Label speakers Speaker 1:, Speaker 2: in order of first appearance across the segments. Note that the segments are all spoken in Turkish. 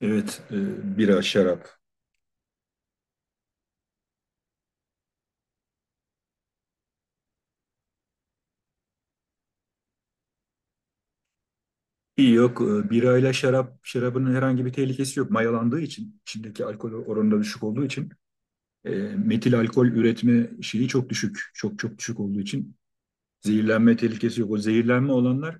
Speaker 1: Evet, bira, şarap. Yok, birayla şarap, şarabın herhangi bir tehlikesi yok. Mayalandığı için, içindeki alkol oranı da düşük olduğu için, e, metil alkol üretme şeyi çok düşük. Çok çok düşük olduğu için zehirlenme tehlikesi yok. O zehirlenme olanlar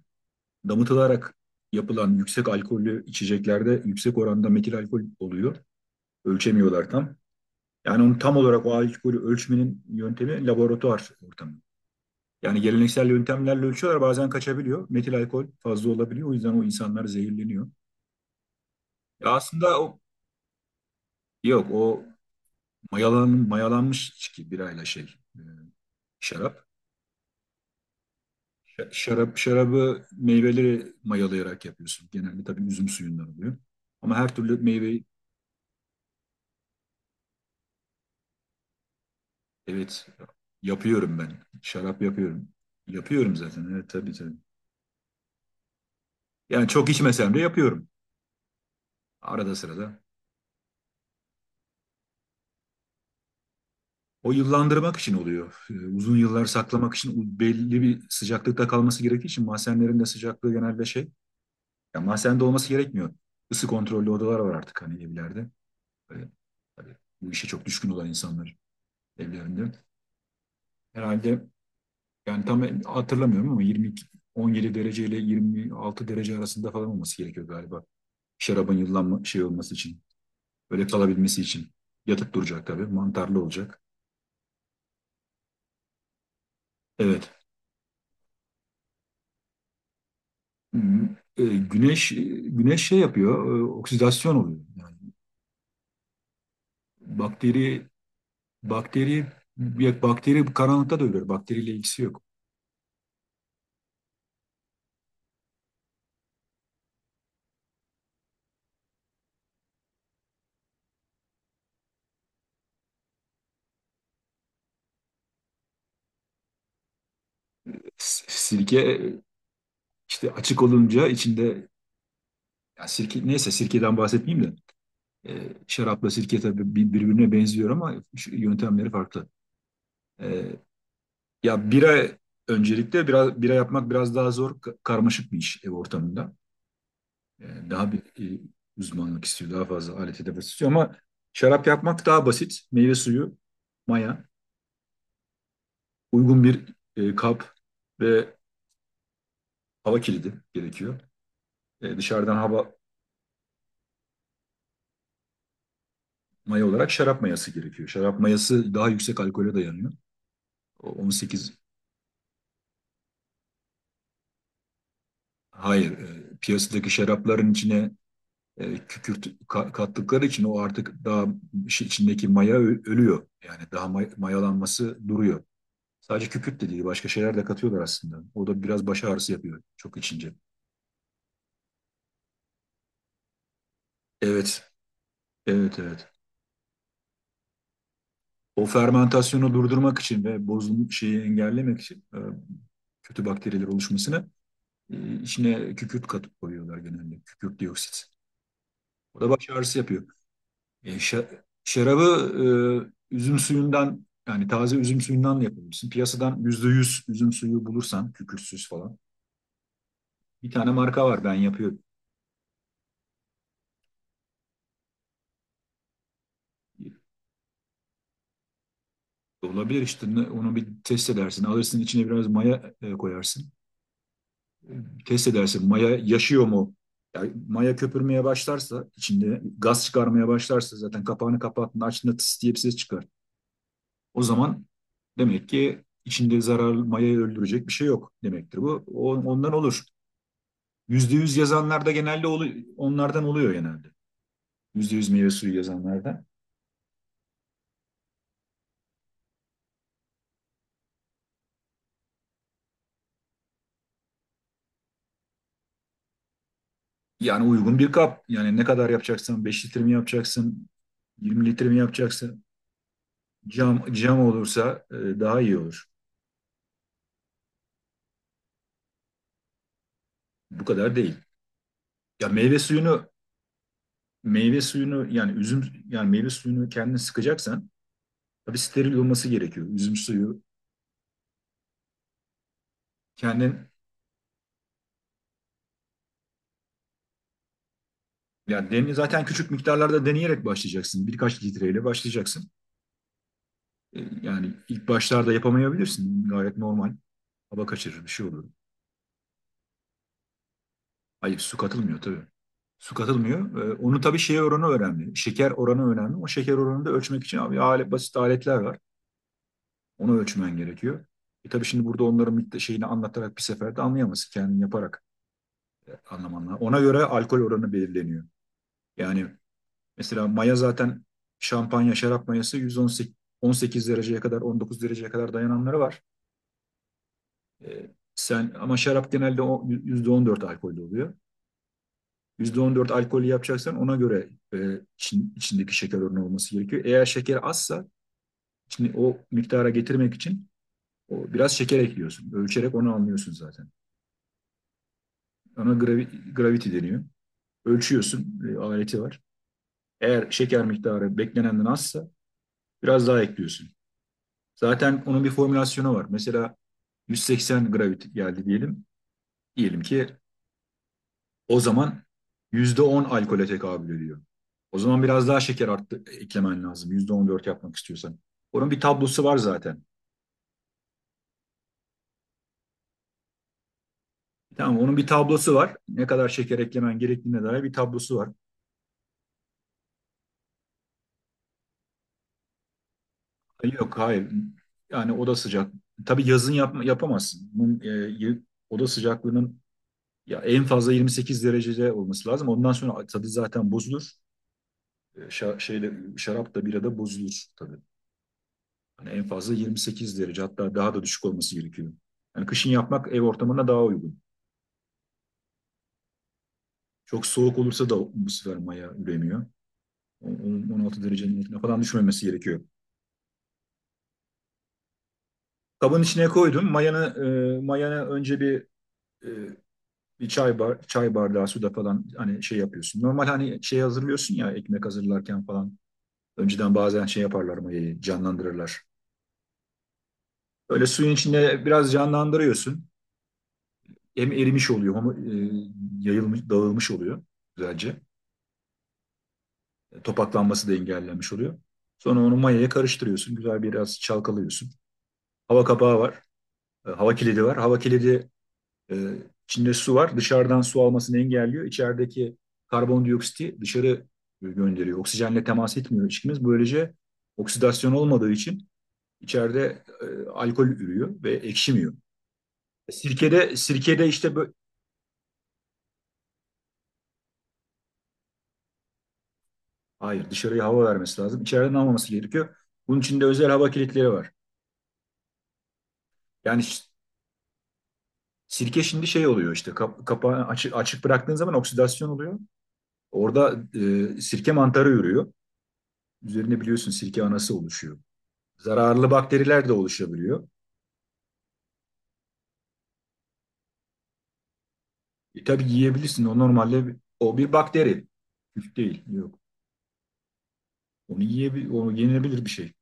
Speaker 1: damıtılarak yapılan yüksek alkollü içeceklerde yüksek oranda metil alkol oluyor. Ölçemiyorlar tam. Yani onu tam olarak o alkolü ölçmenin yöntemi laboratuvar ortamı. Yani geleneksel yöntemlerle ölçüyorlar, bazen kaçabiliyor. Metil alkol fazla olabiliyor. O yüzden o insanlar zehirleniyor. Ya aslında o, yok, o mayalanmış içki, birayla şey, e, şarap. Şarabı meyveleri mayalayarak yapıyorsun. Genelde tabii üzüm suyundan oluyor. Ama her türlü meyveyi. Evet, yapıyorum ben. Şarap yapıyorum. Yapıyorum zaten. Evet, tabii tabii. Yani çok içmesem de yapıyorum. Arada sırada. O yıllandırmak için oluyor. Uzun yıllar saklamak için, belli bir sıcaklıkta kalması gerektiği için mahzenlerin de sıcaklığı genelde şey. Ya mahzende olması gerekmiyor. Isı kontrollü odalar var artık hani evlerde. Böyle, tabii bu işe çok düşkün olan insanlar evlerinde. Herhalde, yani tam hatırlamıyorum ama 22, 17 derece ile 26 derece arasında falan olması gerekiyor galiba. Şarabın yıllanma şey olması için. Böyle kalabilmesi için. Yatıp duracak tabii. Mantarlı olacak. Evet. Hı hı. E, güneş e, güneş şey yapıyor, oksidasyon oluyor. Yani bakteri bakteri bakteri karanlıkta da ölür. Bakteriyle ilgisi yok. Sirke, işte açık olunca içinde, ya sirke neyse, sirkeden bahsetmeyeyim de, şarapla sirke tabii birbirine benziyor ama şu yöntemleri farklı. E, Ya bira, öncelikle biraz bira yapmak biraz daha zor, karmaşık bir iş ev ortamında. Daha bir e, uzmanlık istiyor, daha fazla alet edevat istiyor ama şarap yapmak daha basit. Meyve suyu, maya, uygun bir kap ve hava kilidi gerekiyor. Dışarıdan hava. Maya olarak şarap mayası gerekiyor. Şarap mayası daha yüksek alkole dayanıyor. O 18, hayır, piyasadaki şarapların içine kükürt kattıkları için o artık daha, işin içindeki maya ölüyor. Yani daha mayalanması duruyor. Sadece kükürt de değil, başka şeyler de katıyorlar aslında. O da biraz baş ağrısı yapıyor çok içince. Evet, evet, evet. O fermentasyonu durdurmak için ve bozulmuş şeyi engellemek için, kötü bakteriler oluşmasını, içine kükürt katıp koyuyorlar genelde. Kükürt dioksit. O da baş ağrısı yapıyor. Şarabı üzüm suyundan, yani taze üzüm suyundan da yapabilirsin. Piyasadan %100 üzüm suyu bulursan kükürtsüz falan. Bir tane marka var, ben yapıyorum. Olabilir işte, onu bir test edersin. Alırsın, içine biraz maya koyarsın. Test edersin, maya yaşıyor mu? Yani maya köpürmeye başlarsa, içinde gaz çıkarmaya başlarsa, zaten kapağını kapattın, açtığında tıs diye bir ses çıkar. O zaman demek ki içinde zararlı mayayı öldürecek bir şey yok demektir bu. O, ondan olur. Yüzde yüz yazanlarda genelde onlardan oluyor genelde. Yüzde yüz meyve suyu yazanlarda. Yani uygun bir kap. Yani ne kadar yapacaksan, beş litre mi yapacaksın? 20 litre mi yapacaksın? Cam olursa, daha iyi olur. Bu kadar değil. Ya meyve suyunu, meyve suyunu yani üzüm yani meyve suyunu kendin sıkacaksan tabii steril olması gerekiyor. Üzüm suyu kendin. Yani zaten küçük miktarlarda deneyerek başlayacaksın. Birkaç litreyle başlayacaksın. Yani ilk başlarda yapamayabilirsin. Gayet normal. Hava kaçırır, bir şey olur. Hayır, su katılmıyor tabii. Su katılmıyor. Onu tabii şey oranı önemli. Şeker oranı önemli. O şeker oranını da ölçmek için abi alet, basit aletler var. Onu ölçmen gerekiyor. E, tabii şimdi burada onların şeyini anlatarak bir seferde anlayamazsın. Kendin yaparak anlaman lazım. Ona göre alkol oranı belirleniyor. Yani mesela maya zaten, şampanya, şarap mayası 118 18 dereceye kadar, 19 dereceye kadar dayananları var. Sen ama şarap genelde %14 alkollü oluyor. %14 alkolü yapacaksan ona göre içindeki şeker oranı olması gerekiyor. Eğer şeker azsa, şimdi o miktara getirmek için o, biraz şeker ekliyorsun. Ölçerek onu anlıyorsun zaten. Ona gravity deniyor. Ölçüyorsun, aleti var. Eğer şeker miktarı beklenenden azsa biraz daha ekliyorsun. Zaten onun bir formülasyonu var. Mesela 180 gravity geldi diyelim. Diyelim ki o zaman %10 alkole tekabül ediyor. O zaman biraz daha şeker arttı, eklemen lazım. %14 yapmak istiyorsan. Onun bir tablosu var zaten. Tamam, onun bir tablosu var. Ne kadar şeker eklemen gerektiğine dair bir tablosu var. Yok, hayır. Yani oda sıcak. Tabii yazın yapma, yapamazsın. Bunun, y- oda sıcaklığının ya en fazla 28 derecede olması lazım. Ondan sonra tadı zaten bozulur. Şeyle şarap da bira da bozulur tabii. Hani en fazla 28 derece, hatta daha da düşük olması gerekiyor. Yani kışın yapmak ev ortamına daha uygun. Çok soğuk olursa da bu sefer maya üremiyor. Onun 16 derecenin altına falan düşmemesi gerekiyor. Kabın içine koydum. Mayanı önce bir, e, bir çay çay bardağı suda falan hani şey yapıyorsun. Normal, hani şey hazırlıyorsun ya, ekmek hazırlarken falan. Önceden bazen şey yaparlar, mayayı canlandırırlar. Öyle suyun içinde biraz canlandırıyorsun. Hem erimiş oluyor ama yayılmış, dağılmış oluyor güzelce. Topaklanması da engellenmiş oluyor. Sonra onu mayaya karıştırıyorsun. Güzel biraz çalkalıyorsun. Hava kapağı var. Hava kilidi var. Hava kilidi. Ee, içinde su var. Dışarıdan su almasını engelliyor. İçerideki karbondioksiti dışarı gönderiyor. Oksijenle temas etmiyor içkimiz. Böylece oksidasyon olmadığı için içeride alkol ürüyor ve ekşimiyor. Sirkede işte böyle. Hayır, dışarıya hava vermesi lazım. İçeriden almaması gerekiyor. Bunun için de özel hava kilitleri var. Yani sirke şimdi şey oluyor işte, kapağı açık, açık bıraktığın zaman oksidasyon oluyor. Orada sirke mantarı ürüyor. Üzerine biliyorsun, sirke anası oluşuyor. Zararlı bakteriler de oluşabiliyor. E, tabii yiyebilirsin. O normalde, o bir bakteri. Küf değil. Yok. Onu yenilebilir bir şey.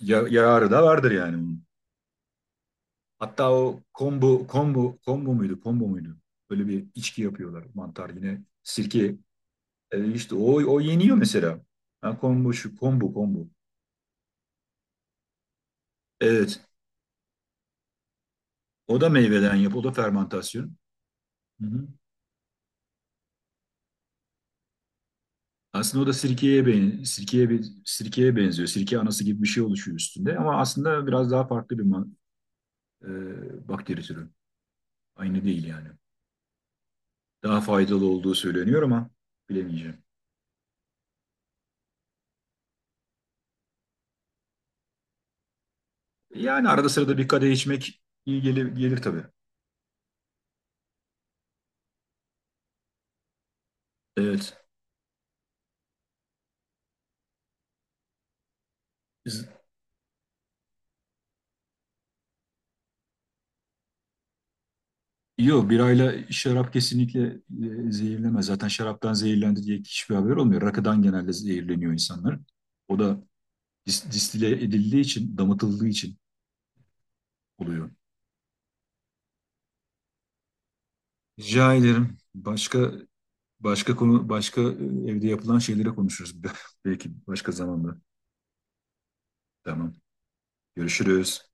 Speaker 1: Yararı da vardır yani onun. Hatta o, kombu muydu? Kombu muydu? Böyle bir içki yapıyorlar. Mantar, yine sirke. E, işte o yeniyor mesela. Ha, kombu, şu kombu. Evet. O da meyveden yap. O da fermentasyon. Hı hı. Aslında o da sirkeye benziyor. Sirke anası gibi bir şey oluşuyor üstünde ama aslında biraz daha farklı bir bakteri türü. Aynı değil yani. Daha faydalı olduğu söyleniyor ama bilemeyeceğim. Yani arada sırada bir kadeh içmek iyi gelir, gelir tabii. Evet. Z- Yok, birayla şarap kesinlikle zehirlemez. Zaten şaraptan zehirlendi diye hiçbir haber olmuyor. Rakıdan genelde zehirleniyor insanlar. O da distile edildiği için, damıtıldığı için oluyor. Rica ederim. Başka. Konu, başka evde yapılan şeylere konuşuruz. Belki başka zamanda. Tamam. Görüşürüz.